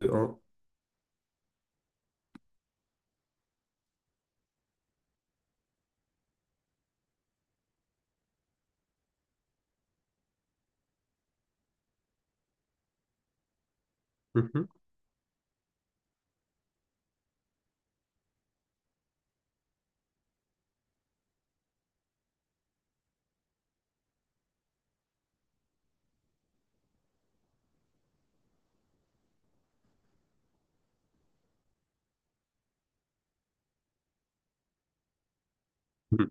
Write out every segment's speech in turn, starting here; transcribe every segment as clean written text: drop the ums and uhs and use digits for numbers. Deux, un. Mhm, mhm,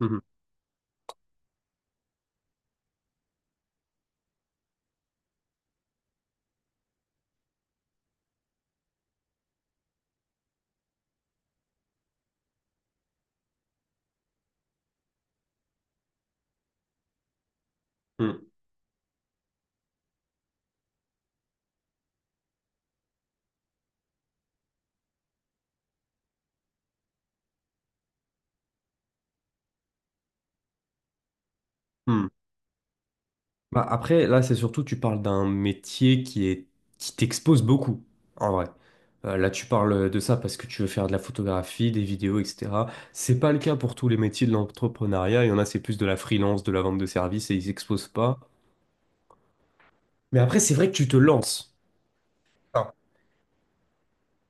mhm, mhm, mhm. Bah, après, là, c'est surtout, tu parles d'un métier qui est, qui t'expose beaucoup, en vrai. Là, tu parles de ça parce que tu veux faire de la photographie, des vidéos, etc. C'est pas le cas pour tous les métiers de l'entrepreneuriat. Il y en a, c'est plus de la freelance, de la vente de services et ils s'exposent pas. Mais après, c'est vrai que tu te lances.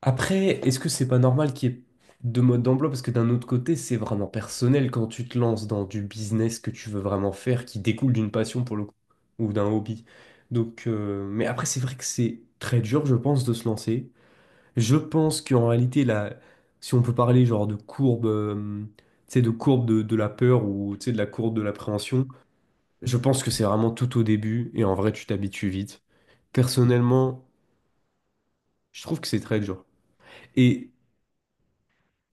Après, est-ce que c'est pas normal qu'il y ait deux modes d'emploi? Parce que d'un autre côté, c'est vraiment personnel quand tu te lances dans du business que tu veux vraiment faire, qui découle d'une passion pour le coup, ou d'un hobby. Donc, mais après, c'est vrai que c'est très dur, je pense, de se lancer. Je pense qu'en réalité, là, si on peut parler genre de courbe, tu sais, de courbe de la peur ou tu sais, de la courbe de l'appréhension, je pense que c'est vraiment tout au début et en vrai, tu t'habitues vite. Personnellement, je trouve que c'est très dur. Et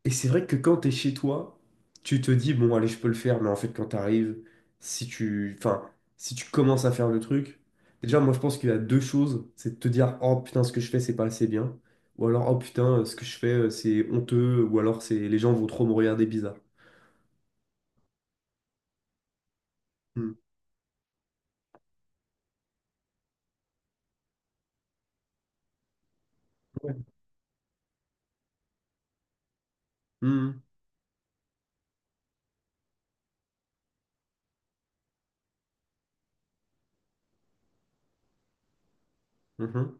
Et c'est vrai que quand t'es chez toi, tu te dis, bon, allez, je peux le faire, mais en fait, quand t'arrives, si tu, enfin, si tu commences à faire le truc, déjà, moi, je pense qu'il y a deux choses, c'est de te dire, oh putain, ce que je fais, c'est pas assez bien, ou alors, oh putain, ce que je fais, c'est honteux, ou alors, c'est les gens vont trop me regarder bizarre. Hmm. Hmm. Mhm.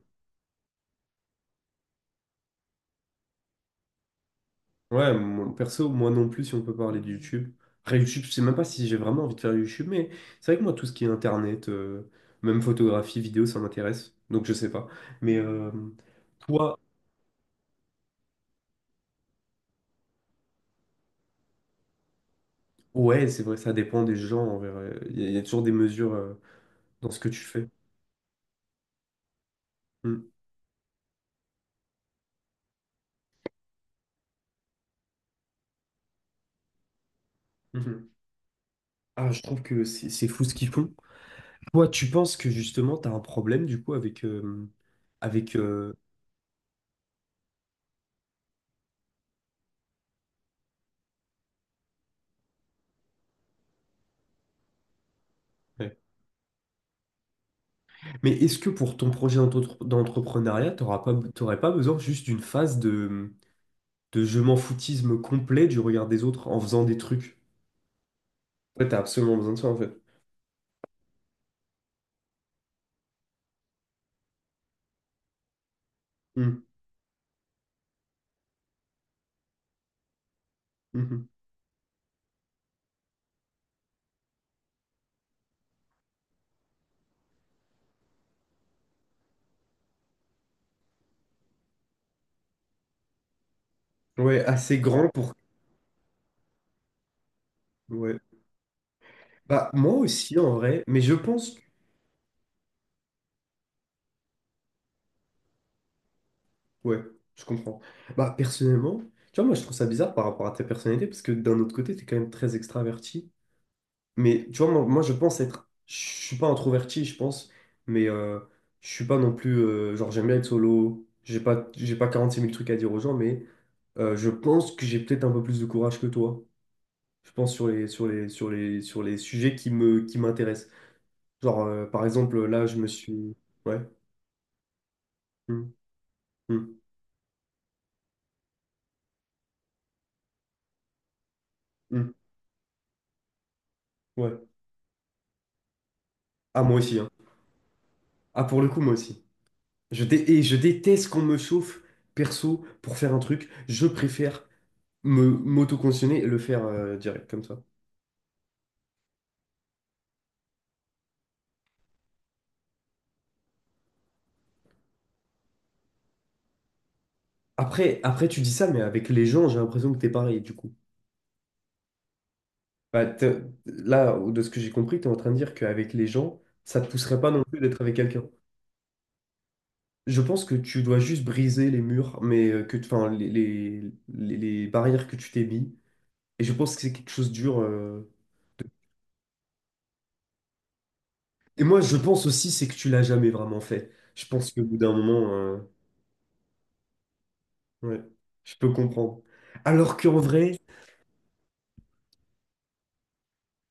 Ouais, perso, moi non plus, si on peut parler de YouTube. Après, YouTube, je sais même pas si j'ai vraiment envie de faire YouTube, mais c'est vrai que moi, tout ce qui est internet, même photographie, vidéo, ça m'intéresse. Donc, je sais pas. Mais toi, ouais, c'est vrai, ça dépend des gens. En vrai. Il y a toujours des mesures dans ce que tu fais. Mm. Mhm. Ah, je trouve que c'est fou ce qu'ils font. Toi, tu penses que justement, tu as un problème du coup avec, avec, ouais. Mais est-ce que pour ton projet d'entrepreneuriat, tu n'aurais pas, t'aurais pas besoin juste d'une phase de je m'en foutisme complet du regard des autres en faisant des trucs. Ouais, t'as absolument besoin de ça en fait. Mm, mhm. Ouais, assez grand pour. Ouais. Bah, moi aussi en vrai, mais je pense. Ouais, je comprends. Bah, personnellement, tu vois, moi je trouve ça bizarre par rapport à ta personnalité parce que d'un autre côté, t'es quand même très extraverti. Mais tu vois, moi, je pense être. Je suis pas introverti, je pense, mais je suis pas non plus. Genre, j'aime bien être solo. J'ai pas 46 000 trucs à dire aux gens, mais je pense que j'ai peut-être un peu plus de courage que toi. Je pense, sur les sujets qui m'intéressent. Genre, par exemple, là, je me suis... Ouais. Hum, hum, hum, ouais. Ah, moi aussi, hein. Ah, pour le coup, moi aussi. Et je déteste qu'on me chauffe, perso, pour faire un truc. Je préfère me m'auto-conditionner et le faire direct, comme ça. Après, tu dis ça, mais avec les gens, j'ai l'impression que t'es pareil, du coup. Bah, là, de ce que j'ai compris, t'es en train de dire qu'avec les gens, ça te pousserait pas non plus d'être avec quelqu'un. Je pense que tu dois juste briser les murs, mais enfin, les barrières que tu t'es mis. Et je pense que c'est quelque chose de dur. Et moi, je pense aussi, c'est que tu l'as jamais vraiment fait. Je pense qu'au bout d'un moment, ouais, je peux comprendre. Alors qu'en vrai,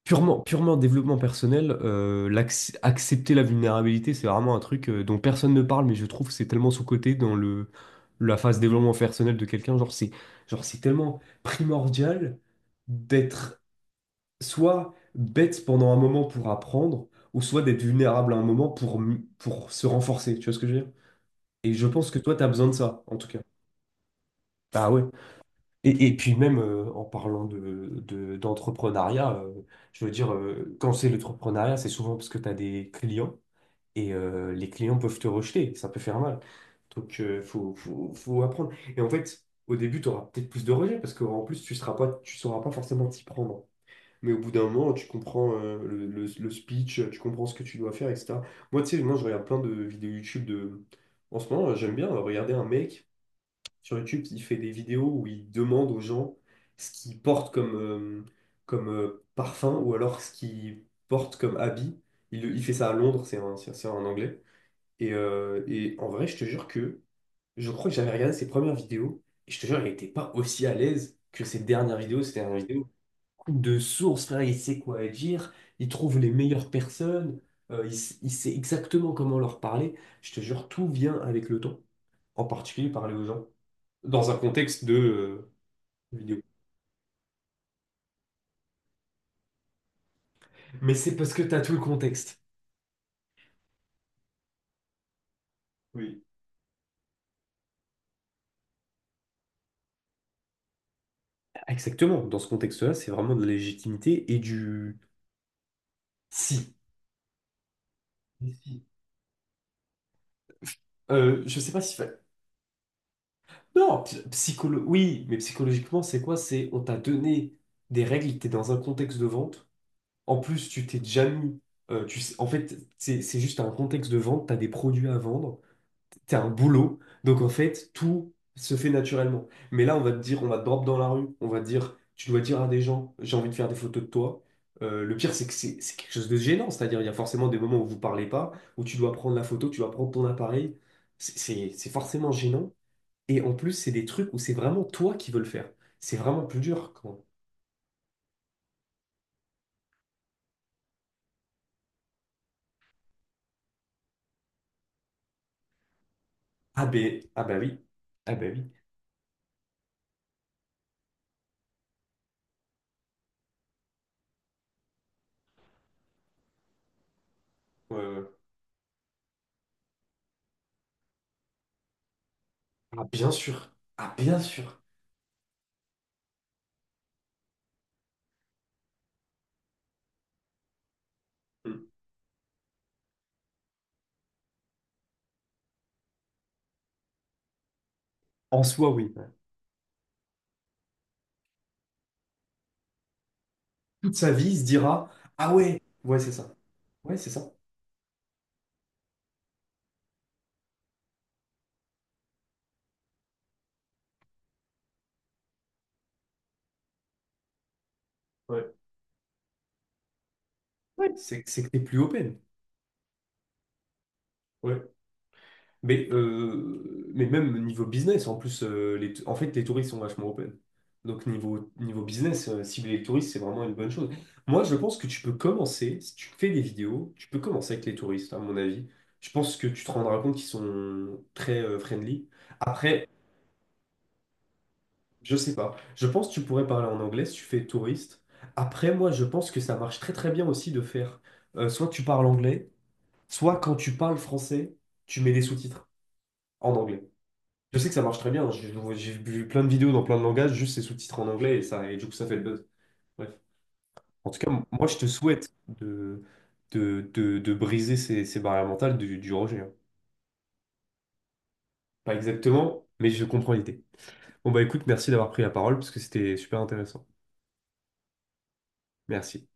purement, purement développement personnel, accepter la vulnérabilité, c'est vraiment un truc dont personne ne parle, mais je trouve que c'est tellement sous-coté dans la phase développement personnel de quelqu'un. Genre, c'est tellement primordial d'être soit bête pendant un moment pour apprendre, ou soit d'être vulnérable à un moment pour se renforcer. Tu vois ce que je veux dire? Et je pense que toi, tu as besoin de ça, en tout cas. Ah ouais. Et puis même en parlant d'entrepreneuriat, je veux dire, quand c'est l'entrepreneuriat, c'est souvent parce que tu as des clients et les clients peuvent te rejeter, ça peut faire mal. Donc, faut apprendre. Et en fait, au début, tu auras peut-être plus de rejets parce qu'en plus, tu sauras pas forcément t'y prendre. Mais au bout d'un moment, tu comprends le speech, tu comprends ce que tu dois faire, etc. Moi, tu sais, moi, je regarde plein de vidéos YouTube de... En ce moment, j'aime bien regarder un mec sur YouTube qui fait des vidéos où il demande aux gens ce qu'ils portent comme parfum ou alors ce qu'ils portent comme habit. Il fait ça à Londres, c'est un Anglais. Et en vrai, je te jure que je crois que j'avais regardé ses premières vidéos et je te jure, il n'était pas aussi à l'aise que ses dernières vidéos. Ses dernières vidéos, de source, frère, il sait quoi dire, il trouve les meilleures personnes, il sait exactement comment leur parler. Je te jure, tout vient avec le temps, en particulier parler aux gens, dans un contexte de vidéo. Mais c'est parce que tu as tout le contexte. Oui. Exactement, dans ce contexte-là, c'est vraiment de la légitimité et du si. Si. Je sais pas si... Non, oui, mais psychologiquement, c'est quoi? C'est on t'a donné des règles, t'es dans un contexte de vente. En plus, tu t'es déjà mis. En fait, c'est juste un contexte de vente, tu as des produits à vendre, tu as un boulot. Donc, en fait, tout se fait naturellement. Mais là, on va te dire, on va te drop dans la rue, on va te dire, tu dois dire à des gens, j'ai envie de faire des photos de toi. Le pire, c'est que c'est quelque chose de gênant. C'est-à-dire, il y a forcément des moments où vous parlez pas, où tu dois prendre la photo, tu dois prendre ton appareil. C'est forcément gênant. Et en plus, c'est des trucs où c'est vraiment toi qui veux le faire. C'est vraiment plus dur quand. Ah ben oui. Ah ben oui. Ouais, ouais. Ah, bien sûr. Ah, bien sûr. Mm. En soi, oui. Ouais. Toute sa vie, il se dira, ah ouais, ouais, c'est ça. Ouais, c'est ça. Ouais, ouais, c'est que t'es plus open. Ouais, mais même niveau business, en plus, en fait, les touristes sont vachement open. Donc, niveau business, cibler les touristes, c'est vraiment une bonne chose. Moi, je pense que tu peux commencer, si tu fais des vidéos, tu peux commencer avec les touristes, à mon avis. Je pense que tu te rendras compte qu'ils sont très friendly. Après, je sais pas. Je pense que tu pourrais parler en anglais si tu fais touriste. Après, moi, je pense que ça marche très très bien aussi de faire soit tu parles anglais, soit quand tu parles français, tu mets des sous-titres en anglais. Je sais que ça marche très bien. J'ai vu plein de vidéos dans plein de langages, juste ces sous-titres en anglais et ça, et du coup, ça fait le buzz. Bref. En tout cas, moi, je te souhaite de briser ces barrières mentales du rejet. Hein. Pas exactement, mais je comprends l'idée. Bon, bah écoute, merci d'avoir pris la parole parce que c'était super intéressant. Merci.